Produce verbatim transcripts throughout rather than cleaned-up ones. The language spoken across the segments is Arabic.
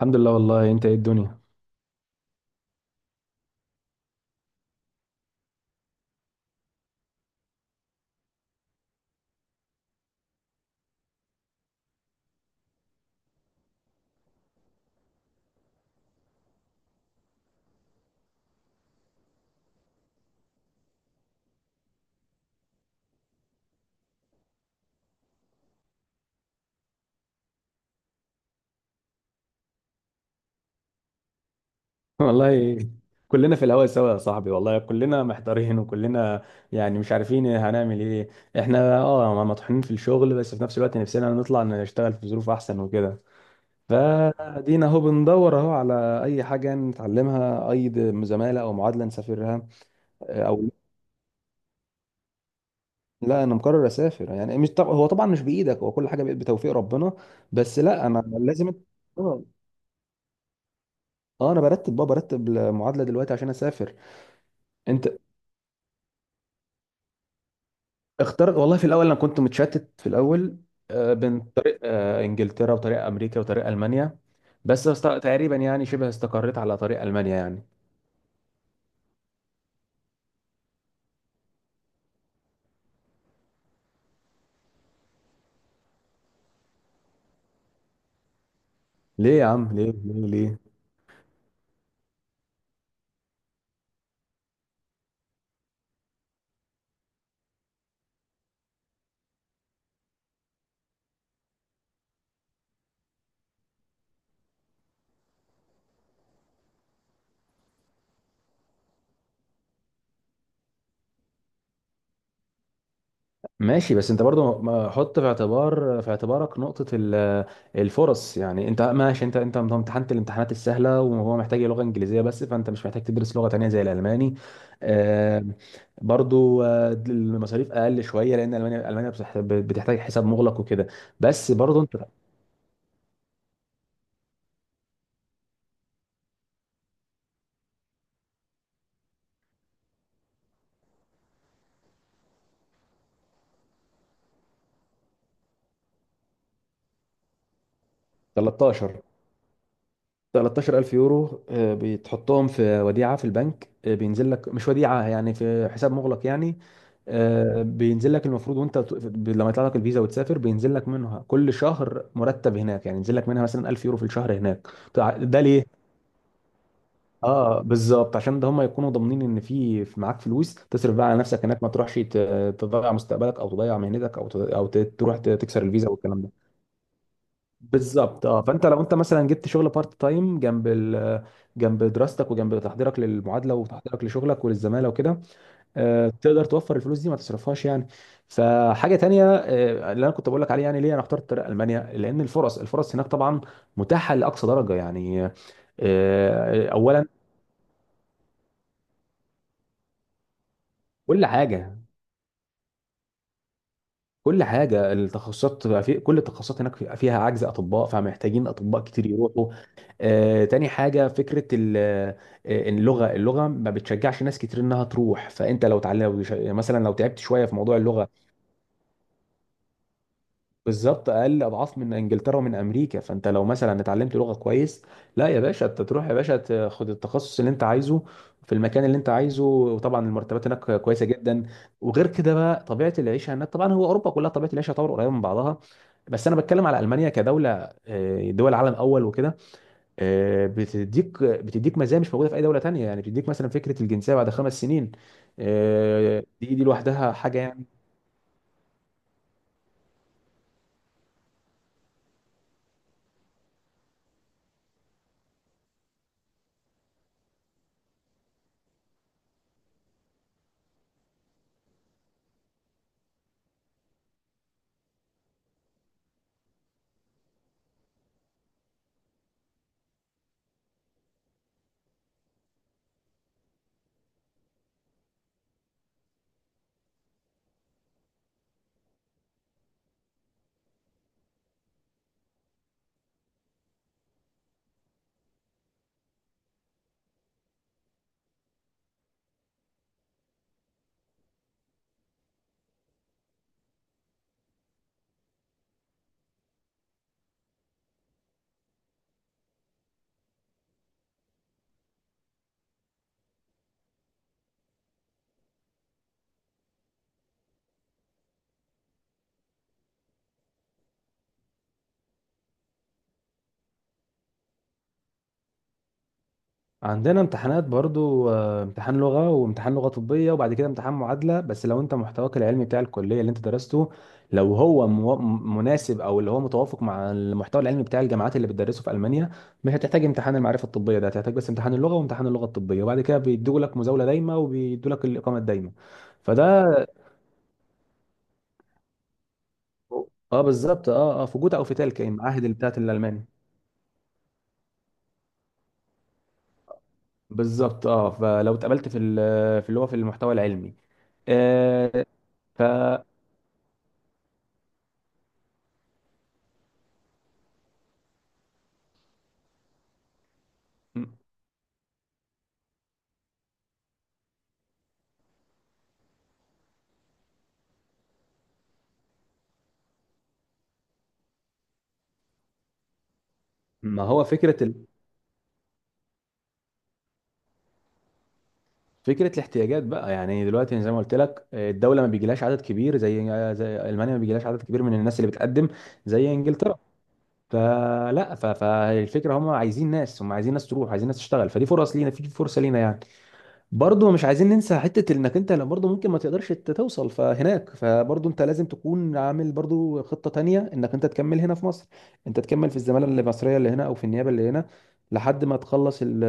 الحمد لله والله. انت ايه الدنيا؟ والله كلنا في الهوا سوا يا صاحبي، والله كلنا محتارين وكلنا يعني مش عارفين هنعمل ايه. احنا اه مطحونين في الشغل، بس في نفس الوقت نفسنا نطلع نشتغل في ظروف احسن وكده. فدينا اهو بندور اهو على اي حاجة نتعلمها، اي د- زمالة او معادلة نسافرها. او لا، انا مقرر اسافر، يعني مش طب... هو طبعا مش بايدك، هو كل حاجة بقت بتوفيق ربنا. بس لا، انا لازم. اه، آه، انا برتب بقى، برتب المعادلة دلوقتي عشان اسافر. انت اختار والله. في الاول انا كنت متشتت في الاول، آه، بين طريق آه، انجلترا وطريق امريكا وطريق المانيا، بس است- تقريبا يعني شبه استقريت على طريق المانيا يعني. ليه يا عم؟ ليه؟ ليه؟ ليه؟ ماشي، بس انت برضو ما- حط في اعتبار في اعتبارك نقطة ال- الفرص. يعني انت ماشي، انت انت امتحنت الامتحانات السهلة وهو محتاج لغة انجليزية بس، فانت مش محتاج تدرس لغة تانية زي الالماني. آه، برضو آه، المصاريف اقل شوية، لان المانيا المانيا بتح- بتحتاج حساب مغلق وكده. بس برضه انت، تلتاشر، تلتاشر الف يورو، آه، بتحطهم في وديعة في البنك. آه، بينزل لك، مش وديعة يعني، في حساب مغلق يعني. آه، بينزل لك المفروض، وانت بت- ب- لما يطلع لك الفيزا وتسافر، بينزل لك منها كل شهر مرتب هناك، يعني ينزل لك منها مثلا الف يورو في الشهر هناك. بتاع- ده ليه؟ اه، بالظبط، عشان ده هم يكونوا ضامنين ان في في معاك فلوس تصرف بقى على نفسك هناك، ما تروحش ت- تضيع مستقبلك او تضيع مهنتك، او ت- او ت- تروح ت- تكسر الفيزا والكلام ده. بالظبط، اه، فانت لو انت مثلا جبت شغل بارت تايم جنب ال... جنب دراستك وجنب تحضيرك للمعادله وتحضيرك لشغلك وللزماله وكده، آه، تقدر توفر الفلوس دي ما تصرفهاش يعني. فحاجه تانية آه، اللي انا كنت بقول لك عليه يعني ليه انا اخترت طريق المانيا، لان الفرص الفرص هناك طبعا متاحه لاقصى درجه يعني. آه، آه، اولا، كل حاجه كل حاجه. التخصصات بقى، في كل التخصصات هناك في- فيها عجز اطباء، فمحتاجين اطباء كتير يروحوا. آه، تاني حاجه، فكره ال- آه، اللغه اللغه ما بتشجعش ناس كتير انها تروح، فانت لو تعلم مثلا، لو تعبت شويه في موضوع اللغه. بالظبط، اقل اضعاف من انجلترا ومن امريكا. فانت لو مثلا اتعلمت لغه كويس، لا يا باشا، انت تروح يا باشا تاخد التخصص اللي انت عايزه في المكان اللي انت عايزه، وطبعا المرتبات هناك كويسه جدا. وغير كده بقى، طبيعه العيشه هناك، طبعا هو اوروبا كلها طبيعه العيشه طبعا قريبه من بعضها، بس انا بتكلم على المانيا كدوله، آه، دول عالم اول وكده. آه، بتديك بتديك مزايا مش موجوده في اي دوله تانية، يعني بتديك مثلا فكره الجنسيه بعد خمس سنين. آه، دي دي لوحدها حاجه يعني. عندنا امتحانات برضو، آه، امتحان لغة وامتحان لغة طبية، وبعد كده امتحان معادلة. بس لو انت محتواك العلمي بتاع الكلية اللي انت درسته، لو هو مو- مناسب او اللي هو متوافق مع المحتوى العلمي بتاع الجامعات اللي بتدرسه في ألمانيا، مش هتحتاج امتحان المعرفة الطبية ده، هتحتاج بس امتحان اللغة وامتحان اللغة الطبية، وبعد كده بيدوا لك مزاولة دايمة وبيدوا لك الإقامة الدايمة. فده اه، بالظبط، اه، اه، في جوتا او في تالكا، المعاهد اللي بتاعت الالماني. بالظبط، اه، فلو اتقبلت في ال- في اللي هو في المحتوى العلمي. آه، ف ما هو فكره ال... فكره الاحتياجات بقى، يعني دلوقتي زي ما قلت لك، الدوله ما بيجيلهاش عدد كبير، زي زي المانيا، ما بيجيلهاش عدد كبير من الناس اللي بتقدم زي انجلترا. فلا، ف... فالفكره هم عايزين ناس، هم عايزين ناس تروح، عايزين ناس تشتغل، فدي فرص لينا، في فرصه لينا يعني. برضه مش عايزين ننسى حته انك انت لو برضه ممكن ما تقدرش ت- توصل فهناك، فبرضه انت لازم تكون عامل برضه خطه تانيه انك انت تكمل هنا في مصر، انت تكمل في الزماله المصريه اللي هنا او في النيابه اللي هنا لحد ما تخلص ال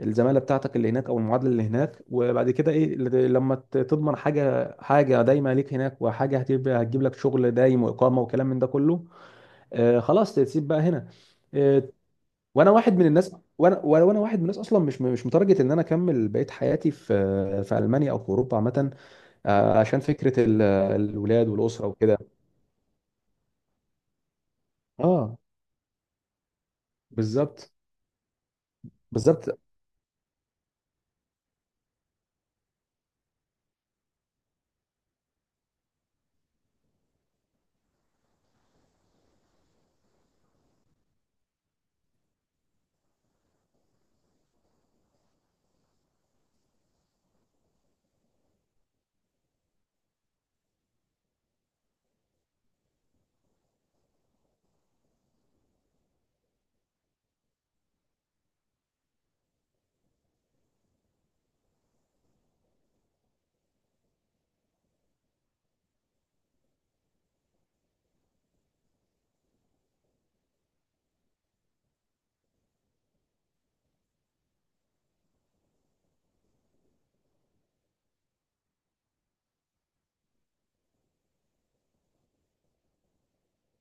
الزماله بتاعتك اللي هناك او المعادله اللي هناك، وبعد كده ايه، ل- لما ت- تضمن حاجه، حاجه دايمه ليك هناك، وحاجه هتجيب هتجيب لك شغل دايم واقامه وكلام من ده كله، آه، خلاص تسيب بقى هنا. آه. وانا واحد من الناس، وانا وانا وأنا واحد من الناس اصلا مش مش متارجت ان انا اكمل بقيه حياتي في في المانيا او في اوروبا عامه. آه، عشان فكره ال- الولاد والاسره وكده. اه، بالظبط، بالظبط،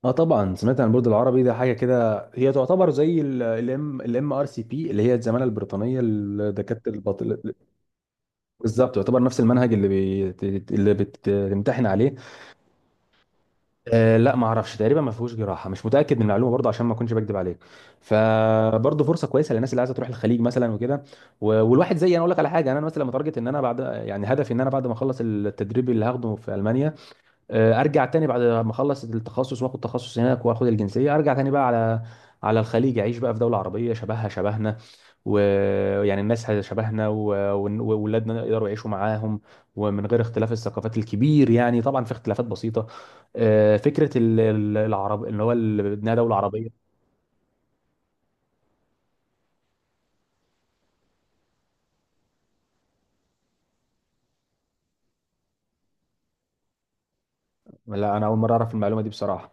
اه، طبعا سمعت عن البرج العربي ده، حاجه كده هي تعتبر زي الام، الام ار سي بي، اللي هي الزماله البريطانيه لدكاتره الباطنه. بالظبط، تعتبر نفس المنهج اللي بيت... اللي بتمتحن عليه. آه، لا، ما اعرفش، تقريبا ما فيهوش جراحه، مش متاكد من المعلومه برضه عشان ما اكونش بكذب عليك. فبرضه فرصه كويسه للناس اللي عايزه تروح الخليج مثلا وكده. و... والواحد زي انا، اقول لك على حاجه. انا مثلا متارجت ان انا بعد يعني هدفي ان انا بعد ما اخلص التدريب اللي هاخده في المانيا، آه، ارجع تاني بعد ما اخلص التخصص واخد تخصص هناك واخد الجنسيه، ارجع تاني بقى على على الخليج، اعيش بقى في دوله عربيه شبهها شبهنا، ويعني الناس شبهنا واولادنا يقدروا يعيشوا معاهم ومن غير اختلاف الثقافات الكبير. يعني طبعا في اختلافات بسيطه، آه، فكره ال- ال- العرب، ان هو ال- انها دوله عربيه. لا، انا اول مره اعرف المعلومه دي بصراحه.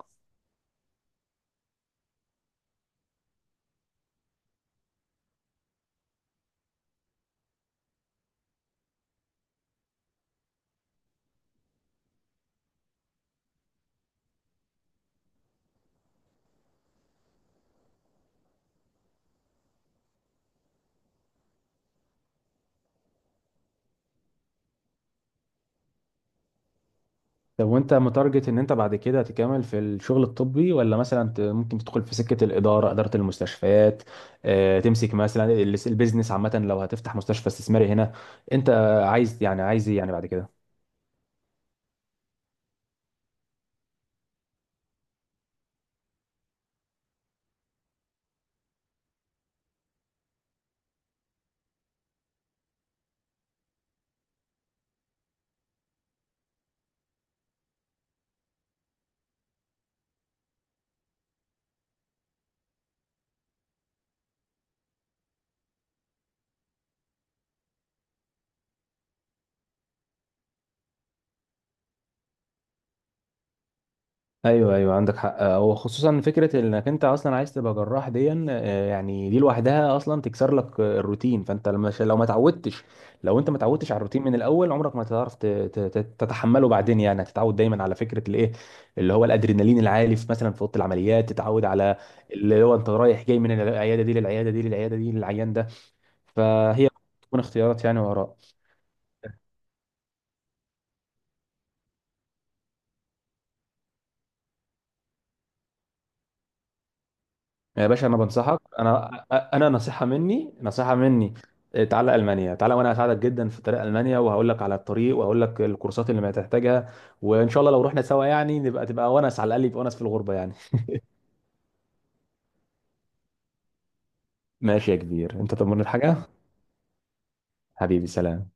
طب وانت متارجت ان انت بعد كده تكمل في الشغل الطبي، ولا مثلا ت- ممكن تدخل في سكة الإدارة، إدارة المستشفيات؟ اه، تمسك مثلا ال- البيزنس عامة لو هتفتح مستشفى استثماري هنا. انت عايز يعني، عايز ايه يعني بعد كده؟ ايوه، ايوه، عندك حق، وخصوصا فكره انك انت اصلا عايز تبقى جراح دي، آه، يعني دي لوحدها اصلا تكسر لك آه، الروتين. فانت لما، لو ما اتعودتش، لو انت ما اتعودتش على الروتين من الاول، عمرك ما هتعرف ت- ت- ت- تتحمله بعدين، يعني هتتعود دايما على فكره الايه، اللي هو الادرينالين العالي في مثلا في اوضه العمليات، تتعود على اللي هو انت رايح جاي من العياده دي للعياده دي للعياده دي للعيان ده، فهي تكون اختيارات يعني وراء. يا باشا، انا بنصحك، انا انا نصيحه مني، نصيحه مني. إيه، تعالى المانيا، تعالى، وانا هساعدك جدا في طريق المانيا، وهقول لك على الطريق، وهقول لك الكورسات اللي ما تحتاجها، وان شاء الله لو رحنا سوا، يعني نبقى تبقى ونس، على الاقل يبقى ونس في الغربه يعني. ماشي يا كبير، انت تطمني الحاجه. حبيبي، سلام.